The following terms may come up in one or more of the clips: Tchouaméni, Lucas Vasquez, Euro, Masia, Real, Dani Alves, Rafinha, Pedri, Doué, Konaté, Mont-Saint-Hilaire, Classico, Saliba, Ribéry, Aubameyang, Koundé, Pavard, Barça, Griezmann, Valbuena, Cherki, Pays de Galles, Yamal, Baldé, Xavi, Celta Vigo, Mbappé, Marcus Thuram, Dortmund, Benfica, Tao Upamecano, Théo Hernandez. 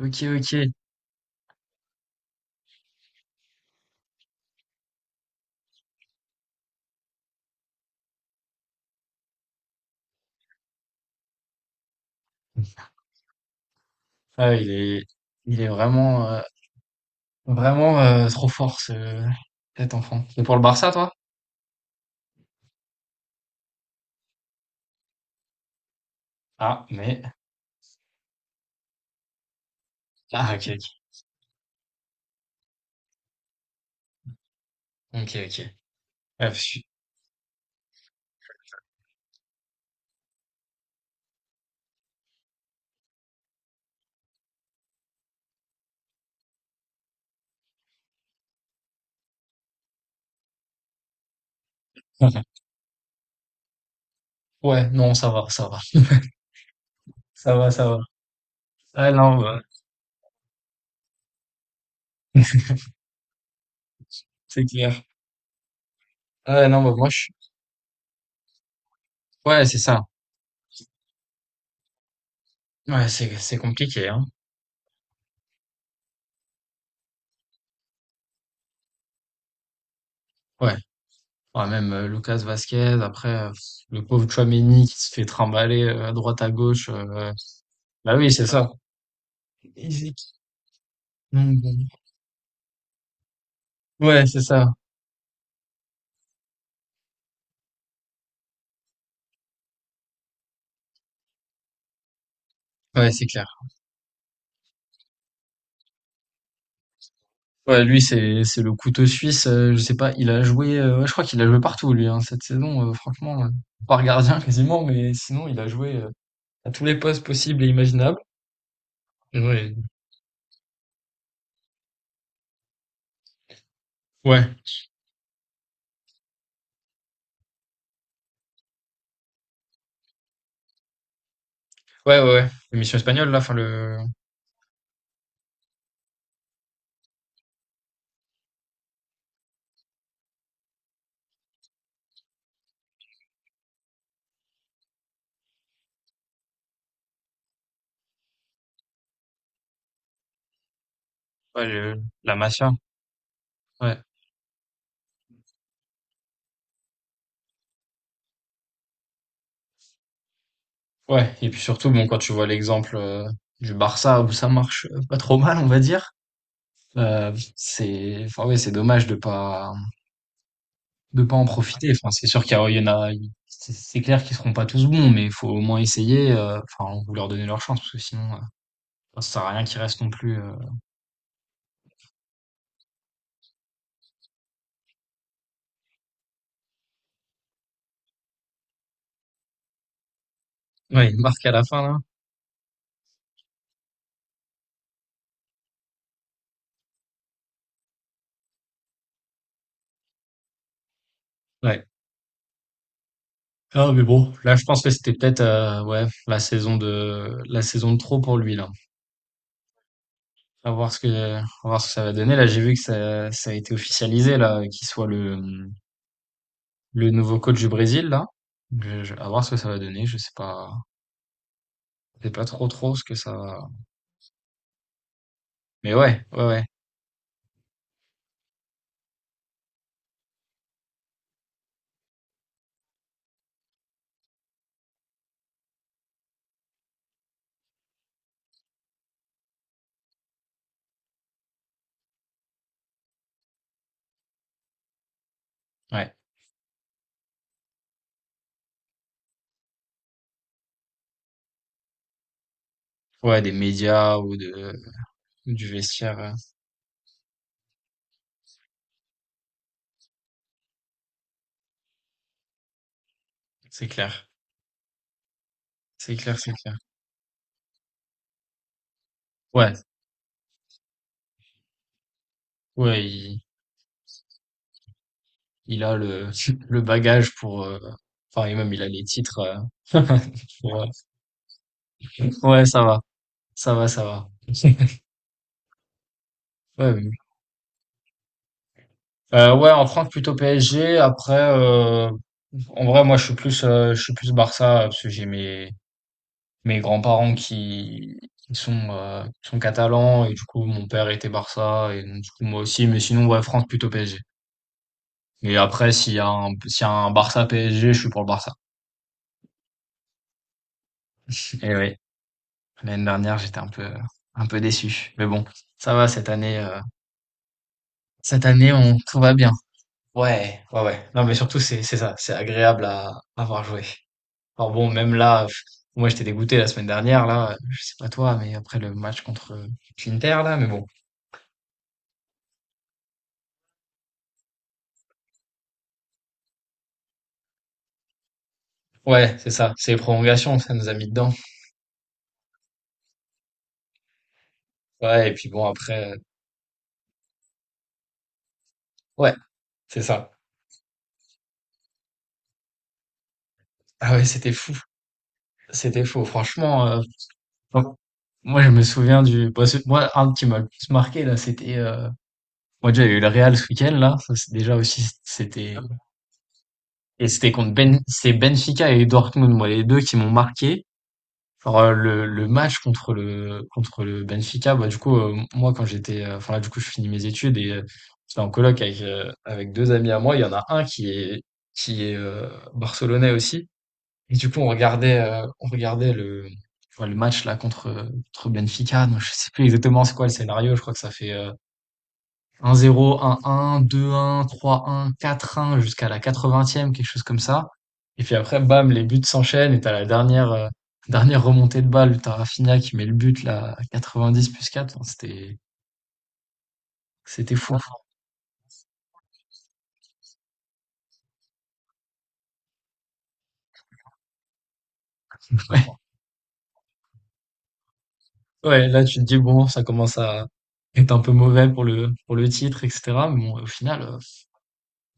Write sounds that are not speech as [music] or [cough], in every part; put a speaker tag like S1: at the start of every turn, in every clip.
S1: OK, OK. Ah, il est vraiment, trop fort cet enfant. Et pour le Barça, toi? Ah, mais ok, ok, ok, ok. Ouais, [laughs] Ouais, non, ça va, ça va, ça va, ça va. Ah non, bah, c'est clair. Ah non, bah moi je. Ouais, c'est ça. Ouais, c'est compliqué, hein. Ouais. Ouais, même Lucas Vasquez. Après, le pauvre Tchouaméni qui se fait trimballer à droite à gauche. Bah oui, c'est ça. Et c'est qui- non bon. Ouais, c'est ça. Ouais, c'est clair. Ouais, lui, c'est le couteau suisse. Je sais pas, il a joué. Ouais, je crois qu'il a joué partout, lui, hein, cette saison. Franchement, par gardien quasiment, mais sinon, il a joué à tous les postes possibles et imaginables. Ouais, ouais, ouais, ouais. Ouais. L'émission espagnole, là, enfin le, ouais, la Masia. Ouais, ouais. Et puis surtout, bon, quand tu vois l'exemple du Barça où ça marche pas trop mal, on va dire. C'est, enfin ouais, c'est dommage de pas en profiter. Enfin, c'est sûr qu'il y a il y en a il c'est clair qu'ils seront pas tous bons, mais il faut au moins essayer, enfin, on faut leur donner leur chance parce que sinon, ça sert à rien qu'ils restent non plus, ouais, une marque à la fin là. Ouais. Ah mais bon, là je pense que c'était peut-être, ouais, la saison de trop pour lui là. À voir ce que ça va donner. Là, j'ai vu que ça a été officialisé là, qu'il soit le, le nouveau coach du Brésil là. Je À voir ce que ça va donner. Je sais pas, trop ce que ça va. Mais ouais, ouais, ouais, ouais. Ouais, des médias ou du vestiaire, c'est clair. C'est clair, c'est clair. Ouais, ouais, il a le [laughs] le bagage pour, enfin et même il a les titres, heu, [laughs] pour, ouais, ça va, ça va, ça va. [laughs] Ouais, oui. Ouais, en France, plutôt PSG. Après, en vrai, moi, je suis plus Barça, parce que j'ai mes grands-parents qui sont catalans et du coup, mon père était Barça et donc du coup, moi aussi. Mais sinon, ouais, France, plutôt PSG. Et après, s'il y a un Barça PSG, je suis pour le Barça. Et oui, l'année dernière, j'étais un peu déçu. Mais bon, ça va cette année, on, tout va bien. Ouais, ouais, ouais. Non, mais surtout, c'est ça, c'est agréable à avoir joué. Alors bon, même là, pff, moi, j'étais dégoûté la semaine dernière, là, je sais pas toi, mais après le match contre l'Inter, là, mais bon. Ouais, c'est ça, c'est les prolongations, ça nous a mis dedans. Ouais, et puis bon, après, ouais, c'est ça. Ah ouais, c'était fou. C'était fou, franchement. Moi, je me souviens du. Bah, moi, un qui m'a le plus marqué, là, c'était. Moi, déjà, il y a eu le Real ce week-end, là. Ça, c'est déjà aussi, c'était. Et c'était contre Ben. C'est Benfica et Dortmund, moi, les deux qui m'ont marqué. Genre, le match contre contre le Benfica, bah, du coup, moi, quand j'étais. Enfin, là, du coup, je finis mes études et j'étais en coloc avec, avec deux amis à moi. Il y en a un qui est barcelonais aussi. Et du coup, on regardait le match là contre, contre Benfica. Donc, je sais plus exactement c'est quoi le scénario. Je crois que ça fait 1-0, 1-1, 2-1, 3-1, 4-1 jusqu'à la 80e, quelque chose comme ça. Et puis après, bam, les buts s'enchaînent et t'as la dernière, dernière remontée de balle. T'as Rafinha qui met le but là à 90 plus 4. Enfin, c'était fou. [laughs] Ouais. Ouais, là tu te dis bon, ça commence à être un peu mauvais pour le titre, etc. Mais bon, au final.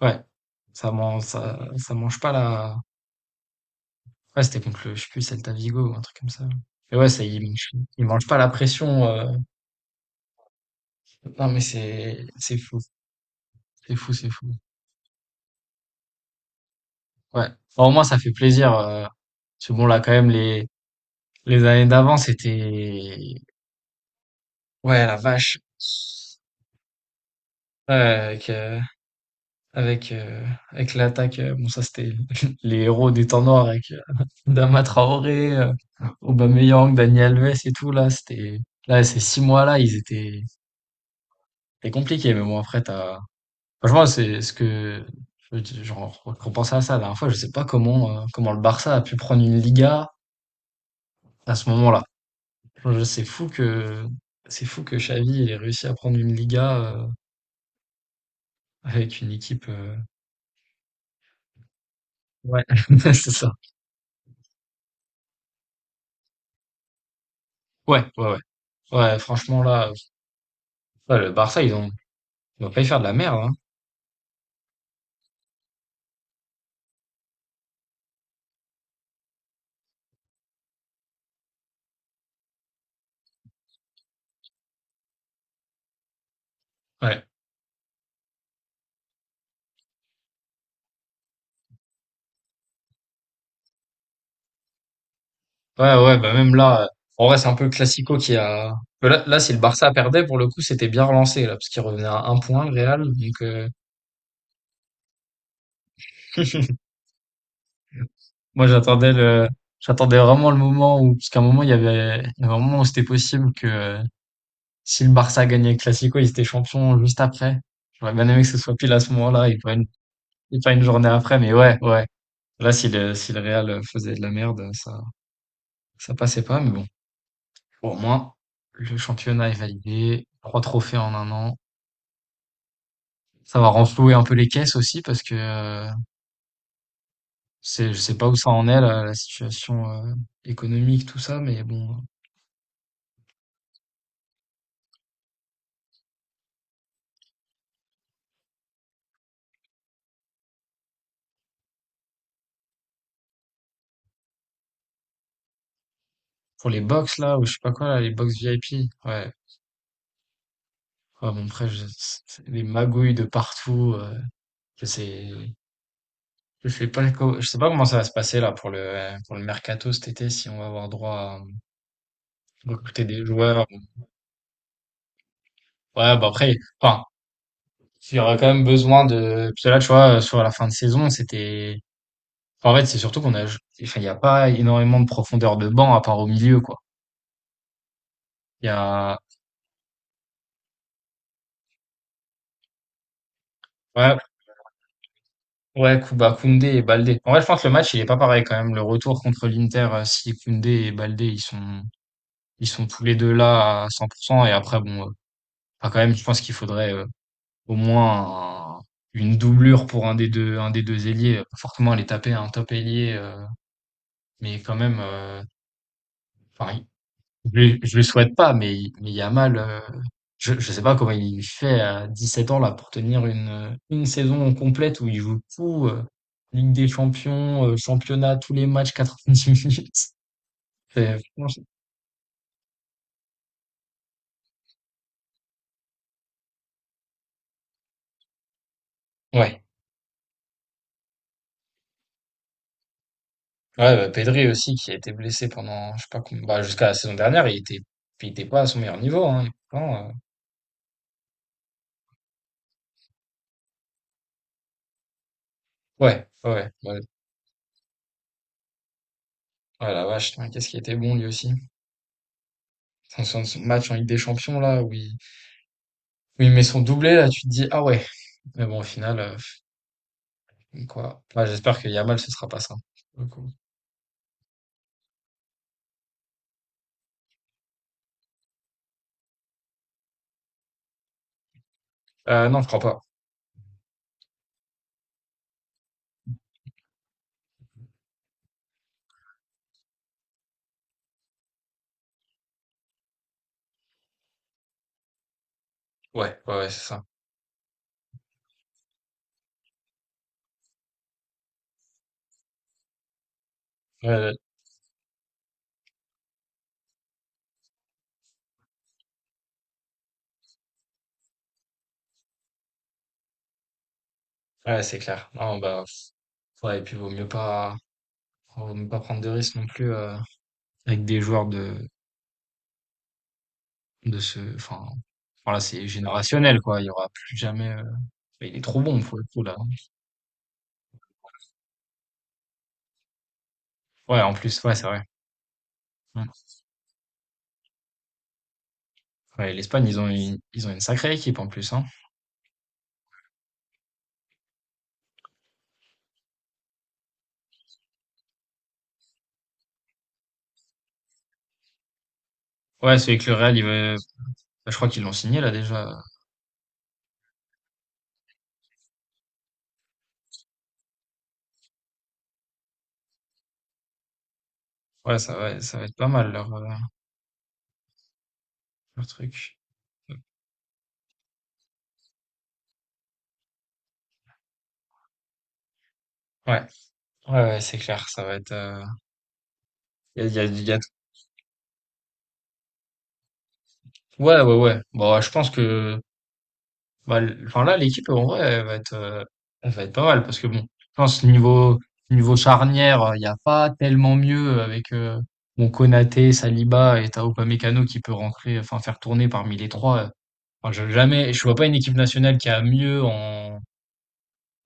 S1: Ouais. Ça mange pas la. Ouais, c'était contre le, je sais plus, Celta Vigo ou un truc comme ça. Mais ouais, ça il mange pas la pression, non mais c'est fou, c'est fou, c'est fou. Ouais. Bah, au moins ça fait plaisir, parce que bon là quand même les années d'avant c'était ouais, la vache! Ouais, avec, avec heu, avec l'attaque, bon ça c'était [laughs] les héros des temps noirs avec, Adama [laughs] Traoré, Aubameyang, Dani Alves et tout là, c'était là ces 6 mois là, ils étaient, c'était compliqué. Mais bon après t'as franchement c'est ce que je dis, genre repensais à ça la dernière fois, je sais pas comment, comment le Barça a pu prendre une Liga à ce moment-là. Je C'est fou que Xavi il ait réussi à prendre une Liga, avec une équipe, ouais, [laughs] c'est ça. Ouais, ouais, ouais. Ouais franchement là, ouais, le Barça, ils vont pas y faire de la merde, hein. Ouais. Ouais, ouais, bah même là, en vrai, c'est un peu Classico qui a. Que là, là, si le Barça perdait, pour le coup, c'était bien relancé, là, parce qu'il revenait à un point, le Real. Donc, [laughs] moi, j'attendais vraiment le moment où, parce qu'à un moment, il y avait un moment où c'était possible que si le Barça gagnait le Classico, ils étaient champions juste après. J'aurais bien aimé que ce soit pile à ce moment-là, et pas une journée après, mais ouais, ouais. Là, si le Real faisait de la merde, ça passait pas, mais bon. Pour moi, le championnat est validé, 3 trophées en un an. Ça va renflouer un peu les caisses aussi parce que c'est, je sais pas où ça en est là, la situation économique, tout ça, mais bon, pour les box là, ou je sais pas quoi là, les box VIP, ouais. Ouais, bon, après, je, c'est les magouilles de partout, je sais, je sais pas, je sais pas comment ça va se passer là pour pour le mercato cet été, si on va avoir droit à recruter des joueurs. Ouais, bah après, enfin, il y aura quand même besoin de. Parce que là, tu vois, sur la fin de saison, c'était. Enfin, en fait, c'est surtout qu'on a. Enfin, il n'y a pas énormément de profondeur de banc à part au milieu, quoi. Il y a. Ouais, ouais, Kuba, Koundé et Baldé. En vrai, je pense que le match, il est pas pareil quand même. Le retour contre l'Inter, si Koundé et Baldé, ils sont tous les deux là à 100%. Et après, bon, enfin, quand même, je pense qu'il faudrait au moins une doublure pour un des deux ailiers. Pas forcément aller taper un top ailier, mais quand même. Enfin, je lui souhaite pas, mais, mais Yamal, je sais pas comment il fait à 17 ans là pour tenir une saison complète où il joue tout, Ligue des Champions, championnat, tous les matchs, 90 minutes. C'est franchement- c'est- Ouais. Ouais, bah, Pedri aussi qui a été blessé pendant, je sais pas combien, bah, jusqu'à la saison dernière, il était pas à son meilleur niveau, hein. Et pourtant, ouais, ouais, ouais, ouais, oh la vache, putain, qu'est-ce qui était bon lui aussi. Son match en Ligue des Champions là, où il met son doublé là, tu te dis, ah ouais. Mais bon, au final, donc voilà. Ouais, j'espère que Yamal, ce sera pas ça. Pour le coup. Non, je crois pas. Ouais, ouais, ouais, c'est ça. Ouais, ouais, ouais, c'est clair. Non, bah, ouais, et puis vaut mieux pas prendre de risques non plus avec des joueurs de, enfin, voilà, c'est générationnel, quoi. Il y aura plus jamais. Bah, il est trop bon pour le coup là. Ouais, en plus, ouais, c'est vrai. Mm. Ouais, l'Espagne, ils ont une sacrée équipe en plus, hein. Ouais, celui que le Real, il veut- bah, je crois qu'ils l'ont signé là déjà. Ouais, ça va être pas mal leur, leur truc. Ouais, ouais, ouais, c'est clair, ça va être. Il y a, il y a- il y a- Ouais, ouais, ouais. Bon, je pense que, enfin là, l'équipe, en vrai, elle va être pas mal parce que bon, je pense niveau charnière, il n'y a pas tellement mieux avec, bon, Konaté, Saliba et Tao Upamecano qui peut rentrer, enfin, faire tourner parmi les trois. Enfin, jamais, je vois pas une équipe nationale qui a mieux en,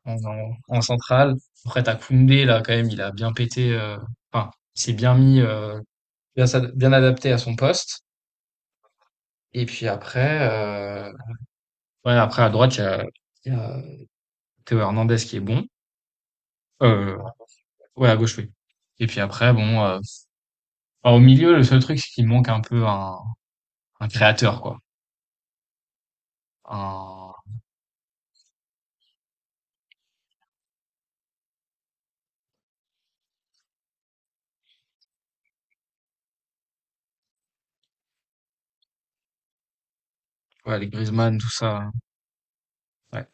S1: en, en, en centrale. Après, t'as Koundé, là, quand même, il a bien pété, enfin, il s'est bien mis, bien, bien adapté à son poste. Et puis après, ouais, après à droite, il y a Théo Hernandez qui est bon. Euh, ouais, à gauche, oui. Et puis après, bon, enfin, au milieu, le seul truc, c'est qu'il manque un peu un créateur, quoi. Un, ouais, les Griezmann, tout ça. Ouais.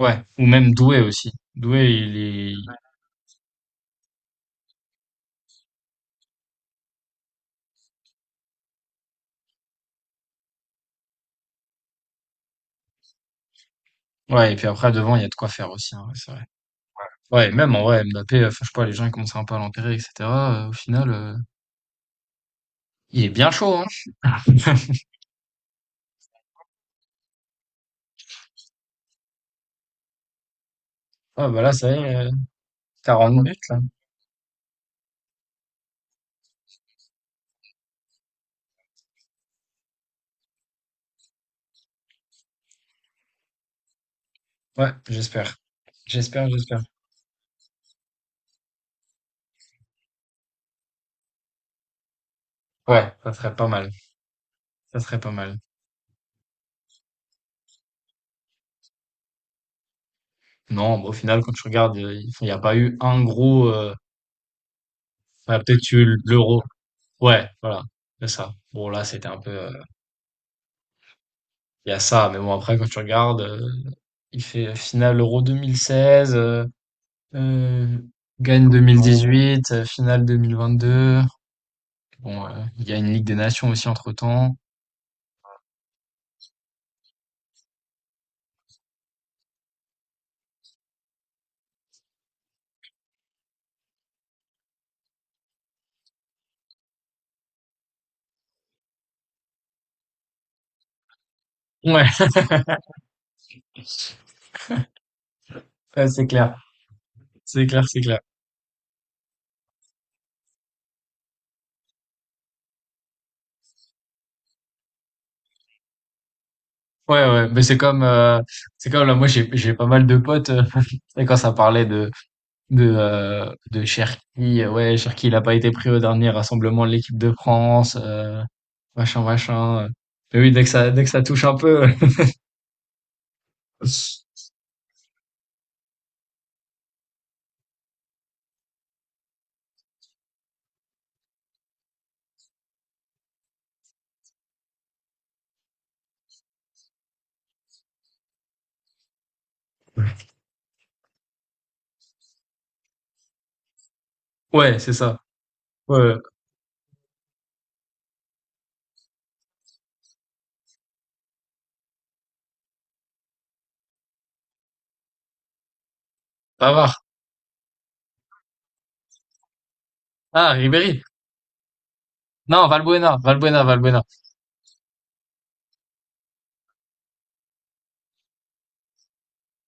S1: Ouais. Ou même Doué aussi. Ouais, et puis après, devant, il y a de quoi faire aussi, hein, ouais, c'est vrai. Ouais, même en vrai, Mbappé, enfin, je sais pas, les gens, ils commencent un peu à l'enterrer, etc. Au final, il est bien chaud, hein. [laughs] Ah, bah là, ça y est, 40 minutes, là. Ouais, j'espère. J'espère, j'espère. Ouais, ça serait pas mal. Ça serait pas mal. Non, bah, au final, quand tu regardes, il enfin, il y a pas eu un gros, il y a peut-être eu l'Euro. Ouais, voilà, c'est ça. Bon là, c'était un peu, il y a ça, mais bon après quand tu regardes, il fait finale Euro 2016, heu, gagne 2018, finale 2022. Bon, il y a une Ligue des Nations aussi entre-temps. Ouais, [laughs] ouais, c'est clair, c'est clair, c'est clair. Ouais, ouais, mais c'est comme là, moi j'ai pas mal de potes, tu sais [laughs] quand ça parlait de de Cherki, ouais, Cherki, il a pas été pris au dernier rassemblement de l'équipe de France, machin, machin. Mais oui, dès que ça touche un peu, [laughs] ouais, c'est ça. Ouais, Pavard. Ah, Ribéry. Non, Valbuena.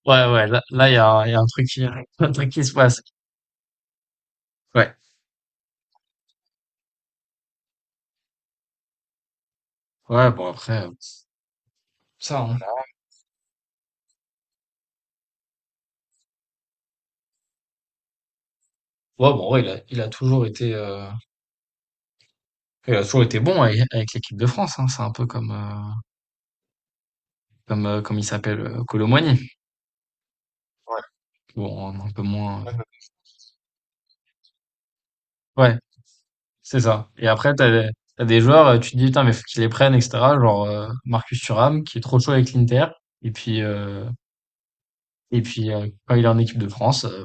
S1: Ouais, ouais, là, il y a un truc qui, [laughs] un truc qui se passe. Ouais. Ouais, bon, après, ça, hein. Ouais, bon, ouais, il a toujours été, il a toujours été bon avec, avec l'équipe de France, hein. C'est un peu comme, comme il s'appelle, Colomboigny. Bon, un peu moins, ouais. C'est ça. Et après, t'as des joueurs, tu te dis, putain, mais faut qu'ils les prennent, etc. Genre Marcus Thuram, qui est trop chaud avec l'Inter. Et puis, quand il est en équipe de France,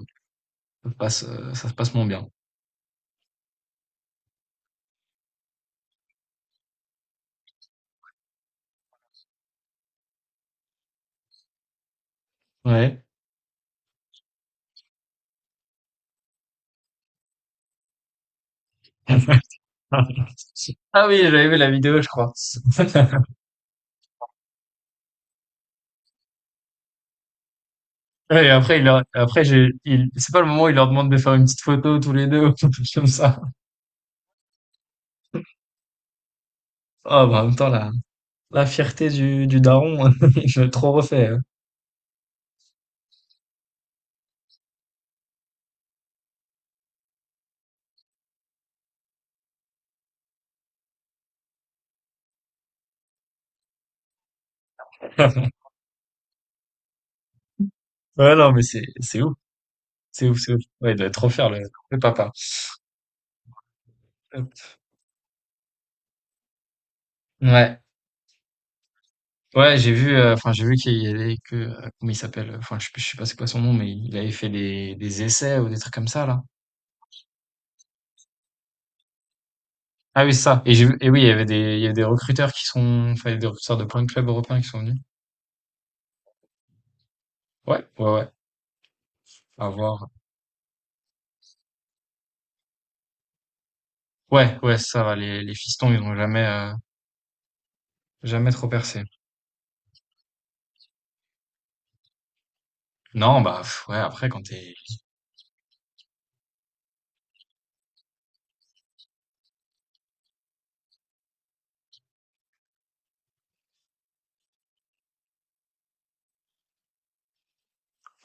S1: ça se passe moins bien. Ouais. [laughs] Ah oui, j'avais vu la vidéo, je crois. [laughs] Ouais, et après, il leur- après, j'ai, il, c'est pas le moment où il leur demande de faire une petite photo tous les deux, [laughs] ou quelque chose comme ça. Ah, bah, en même temps, la fierté du daron, [laughs] je l'ai trop refait. [laughs] Ouais, non, c'est ouf. C'est ouf, c'est ouf. Ouais, il doit être trop fier, le papa. Ouais. Ouais, j'ai vu, enfin, j'ai vu qu'il y avait que, comment il s'appelle? Enfin, je sais pas c'est quoi son nom, mais il avait fait des essais ou des trucs comme ça, là? Ah oui, c'est ça et j'ai vu et oui, il y avait des il y a des recruteurs qui sont enfin, il y a des recruteurs de plein de clubs européens qui sont venus. Ouais, ouais, ouais, à voir. Ouais, ouais, c'est ça, va. Les fistons, ils ont jamais, jamais trop percé. Non, bah, pff, ouais, après quand t'es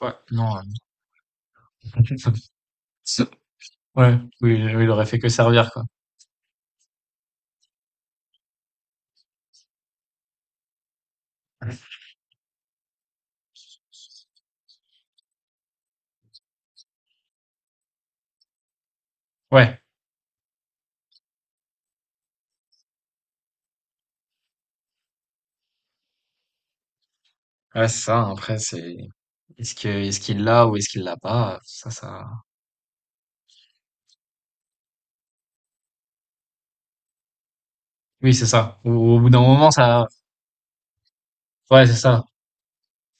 S1: ouais, non, ouais, oui, oui, il aurait fait que servir, quoi. Ouais, ouais, c'est ça, après c'est est-ce qu'il l'a ou est-ce qu'il l'a pas? Ça ça oui, c'est ça. Au bout d'un moment, ça, ouais, c'est ça.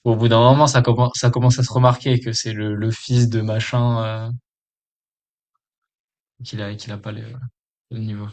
S1: Au bout d'un moment, ça commence à se remarquer que c'est le fils de machin, euh, qu'il a pas le niveau.